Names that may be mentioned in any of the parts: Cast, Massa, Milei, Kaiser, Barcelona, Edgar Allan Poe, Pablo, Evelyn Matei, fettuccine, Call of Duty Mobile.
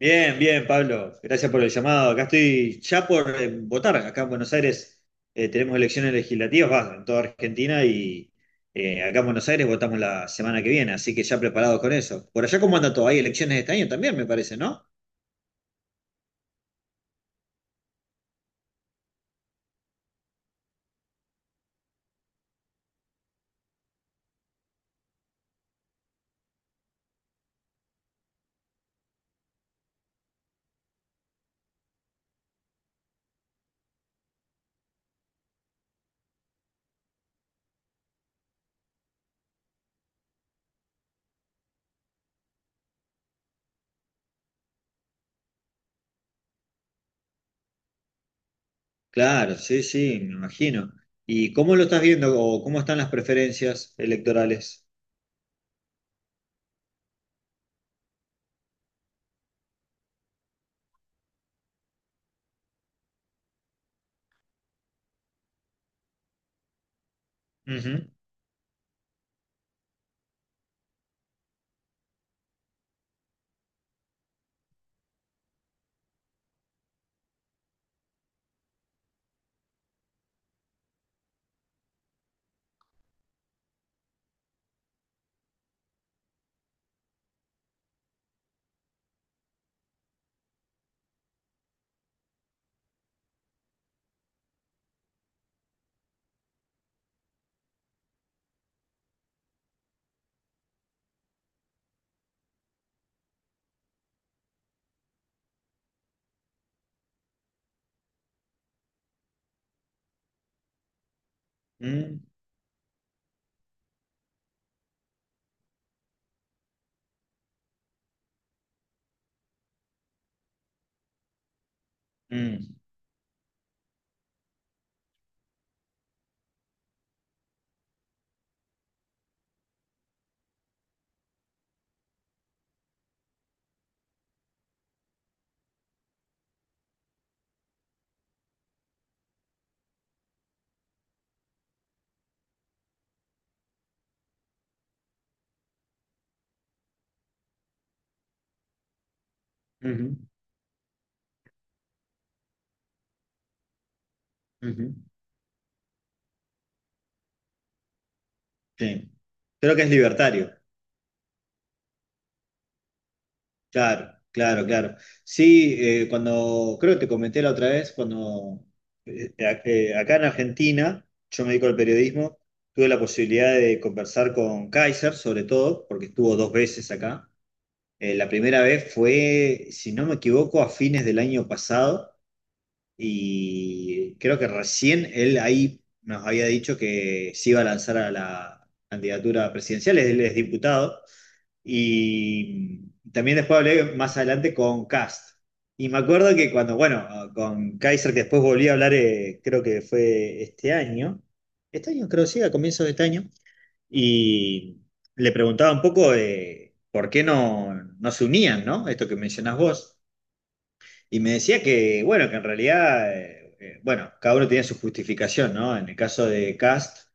Bien, bien, Pablo. Gracias por el llamado. Acá estoy ya por votar. Acá en Buenos Aires tenemos elecciones legislativas, va, en toda Argentina y acá en Buenos Aires votamos la semana que viene, así que ya preparados con eso. Por allá, ¿cómo anda todo? Hay elecciones este año también, me parece, ¿no? Claro, sí, sí, me imagino. ¿Y cómo lo estás viendo o cómo están las preferencias electorales? Ujú. Mm. Mm. Ujú. Ujú. Sí. Creo que es libertario. Claro, claro, claro. Sí, cuando, creo que te comenté la otra vez, cuando acá en Argentina, yo me dedico al periodismo, tuve la posibilidad de conversar con Kaiser, sobre todo, porque estuvo dos veces acá. La primera vez fue, si no me equivoco, a fines del año pasado, y creo que recién él ahí nos había dicho que se iba a lanzar a la candidatura presidencial, él es diputado. Y también después hablé más adelante con Cast. Y me acuerdo que cuando, bueno, con Kaiser, que después volví a hablar, creo que fue este año creo sí, a comienzos de este año, y le preguntaba un poco de por qué no, no se unían, ¿no? Esto que mencionás vos. Y me decía que, bueno, que en realidad, bueno, cada uno tenía su justificación, ¿no? En el caso de Cast,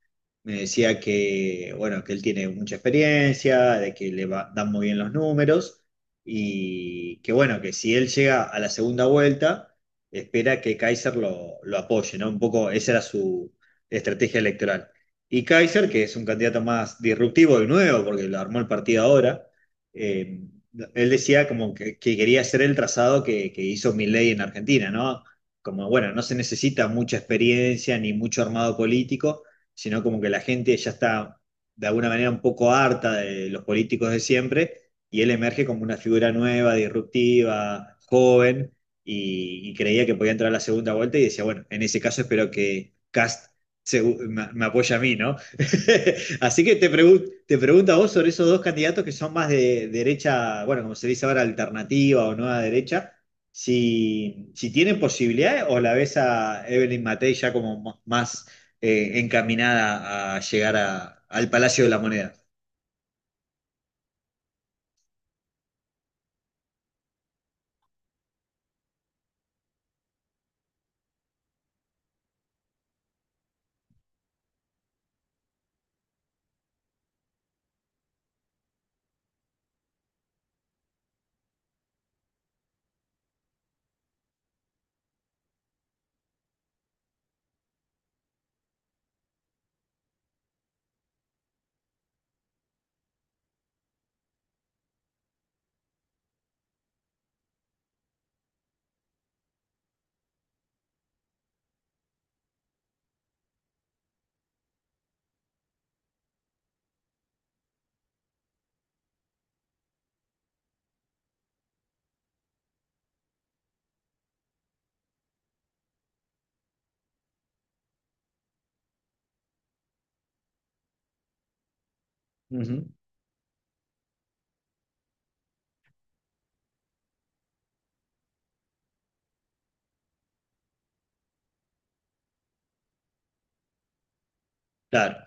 me decía que, bueno, que él tiene mucha experiencia, de que dan muy bien los números y que, bueno, que si él llega a la segunda vuelta, espera que Kaiser lo apoye, ¿no? Un poco esa era su estrategia electoral. Y Kaiser, que es un candidato más disruptivo y nuevo, porque lo armó el partido ahora, eh, él decía como que quería hacer el trazado que hizo Milei en Argentina, ¿no? Como, bueno, no se necesita mucha experiencia ni mucho armado político, sino como que la gente ya está de alguna manera un poco harta de los políticos de siempre, y él emerge como una figura nueva, disruptiva, joven, y creía que podía entrar a la segunda vuelta y decía, bueno, en ese caso espero que Cast me apoya a mí, ¿no? Así que te pregunto a vos sobre esos dos candidatos que son más de derecha, bueno, como se dice ahora, alternativa o nueva derecha, si tienen posibilidades o la ves a Evelyn Matei ya como más encaminada a llegar al Palacio de la Moneda. Ujú. Claro.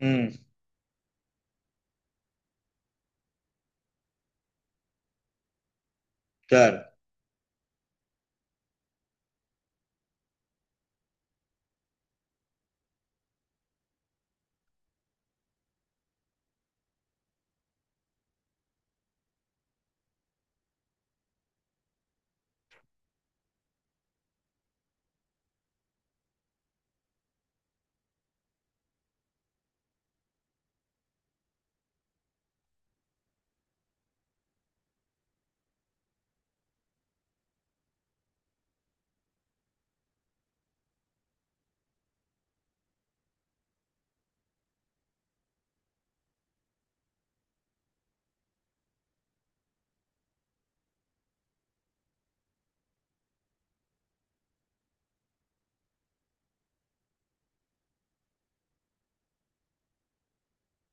Mm. Claro.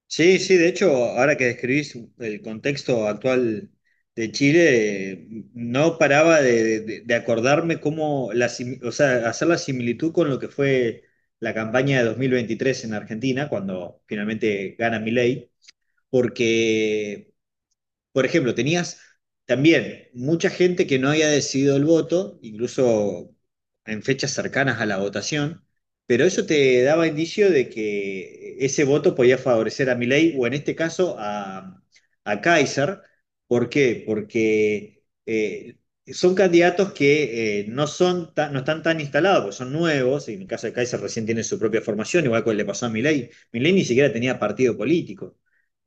Sí, sí, de hecho, ahora que describís el contexto actual de Chile, no paraba de acordarme cómo, o sea, hacer la similitud con lo que fue la campaña de 2023 en Argentina, cuando finalmente gana Milei, porque por ejemplo, tenías también mucha gente que no había decidido el voto, incluso en fechas cercanas a la votación, pero eso te daba indicio de que ese voto podía favorecer a Milei o en este caso a Kaiser. ¿Por qué? Porque son candidatos que no están tan instalados, porque son nuevos, y en el caso de Kaiser recién tiene su propia formación, igual que le pasó a Milei. Milei ni siquiera tenía partido político.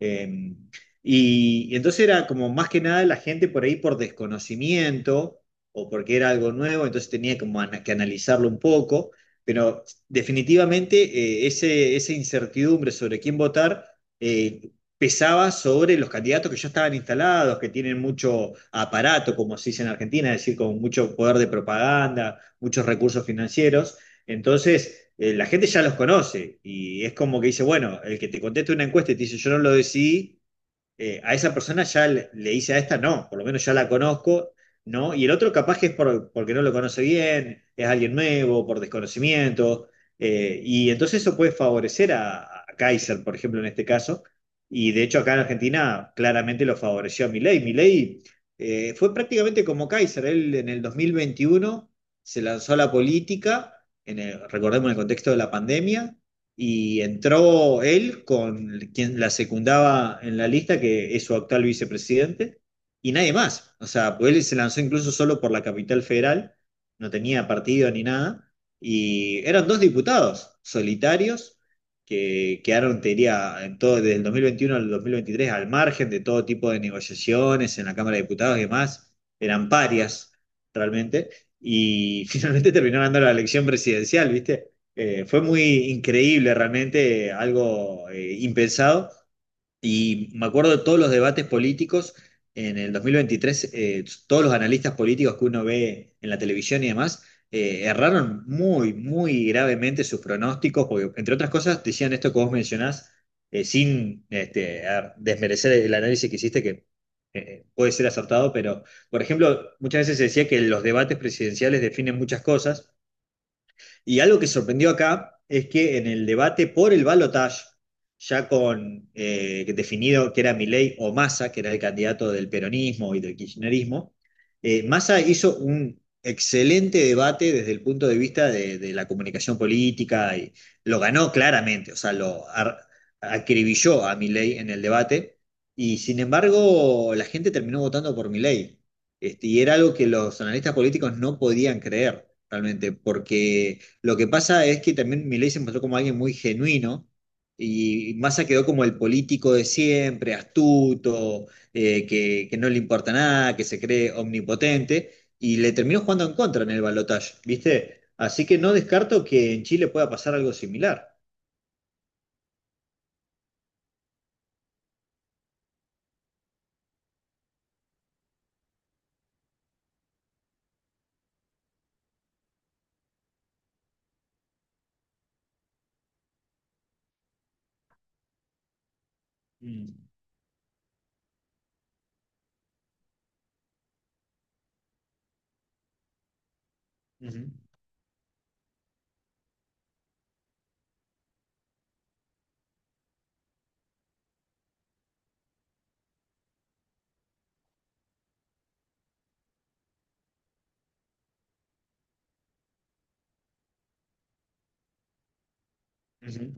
Eh, y entonces era como más que nada la gente por ahí por desconocimiento o porque era algo nuevo, entonces tenía como que analizarlo un poco, pero definitivamente esa incertidumbre sobre quién votar eh, pesaba sobre los candidatos que ya estaban instalados, que tienen mucho aparato, como se dice en Argentina, es decir, con mucho poder de propaganda, muchos recursos financieros. Entonces, la gente ya los conoce y es como que dice, bueno, el que te conteste una encuesta y te dice, yo no lo decidí, a esa persona ya le hice a esta no, por lo menos ya la conozco, ¿no? Y el otro capaz que es porque no lo conoce bien, es alguien nuevo, por desconocimiento, y entonces eso puede favorecer a, Kaiser, por ejemplo, en este caso, y de hecho acá en Argentina claramente lo favoreció a Milei. Milei fue prácticamente como Kaiser, él en el 2021 se lanzó a la política, recordemos en el contexto de la pandemia, y entró él con quien la secundaba en la lista, que es su actual vicepresidente, y nadie más. O sea, pues él se lanzó incluso solo por la capital federal, no tenía partido ni nada, y eran dos diputados solitarios que quedaron, te diría, en todo, desde el 2021 al 2023 al margen de todo tipo de negociaciones en la Cámara de Diputados y demás, eran parias realmente. Y finalmente terminaron dando la elección presidencial, ¿viste? Fue muy increíble realmente, algo impensado. Y me acuerdo de todos los debates políticos en el 2023, todos los analistas políticos que uno ve en la televisión y demás, erraron muy, muy gravemente sus pronósticos, porque entre otras cosas decían esto que vos mencionás, sin desmerecer el análisis que hiciste, que puede ser acertado, pero por ejemplo, muchas veces se decía que los debates presidenciales definen muchas cosas. Y algo que sorprendió acá es que en el debate por el balotaje, ya con definido que era Milei o Massa, que era el candidato del peronismo y del kirchnerismo, Massa hizo un excelente debate desde el punto de vista de la comunicación política y lo ganó claramente, o sea, lo acribilló a Milei en el debate y sin embargo la gente terminó votando por Milei. Y era algo que los analistas políticos no podían creer realmente, porque lo que pasa es que también Milei se mostró como alguien muy genuino y Massa quedó como el político de siempre, astuto, que no le importa nada, que se cree omnipotente y le terminó jugando en contra en el balotaje, ¿viste? Así que no descarto que en Chile pueda pasar algo similar. Mm. Ujú. Ujú.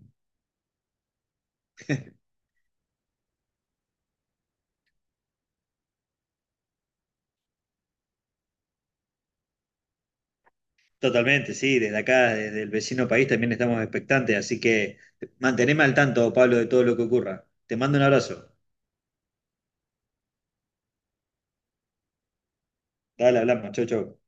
Totalmente, sí, desde acá, desde el vecino país también estamos expectantes, así que manteneme al tanto, Pablo, de todo lo que ocurra. Te mando un abrazo. Dale, hablamos, chau, chau.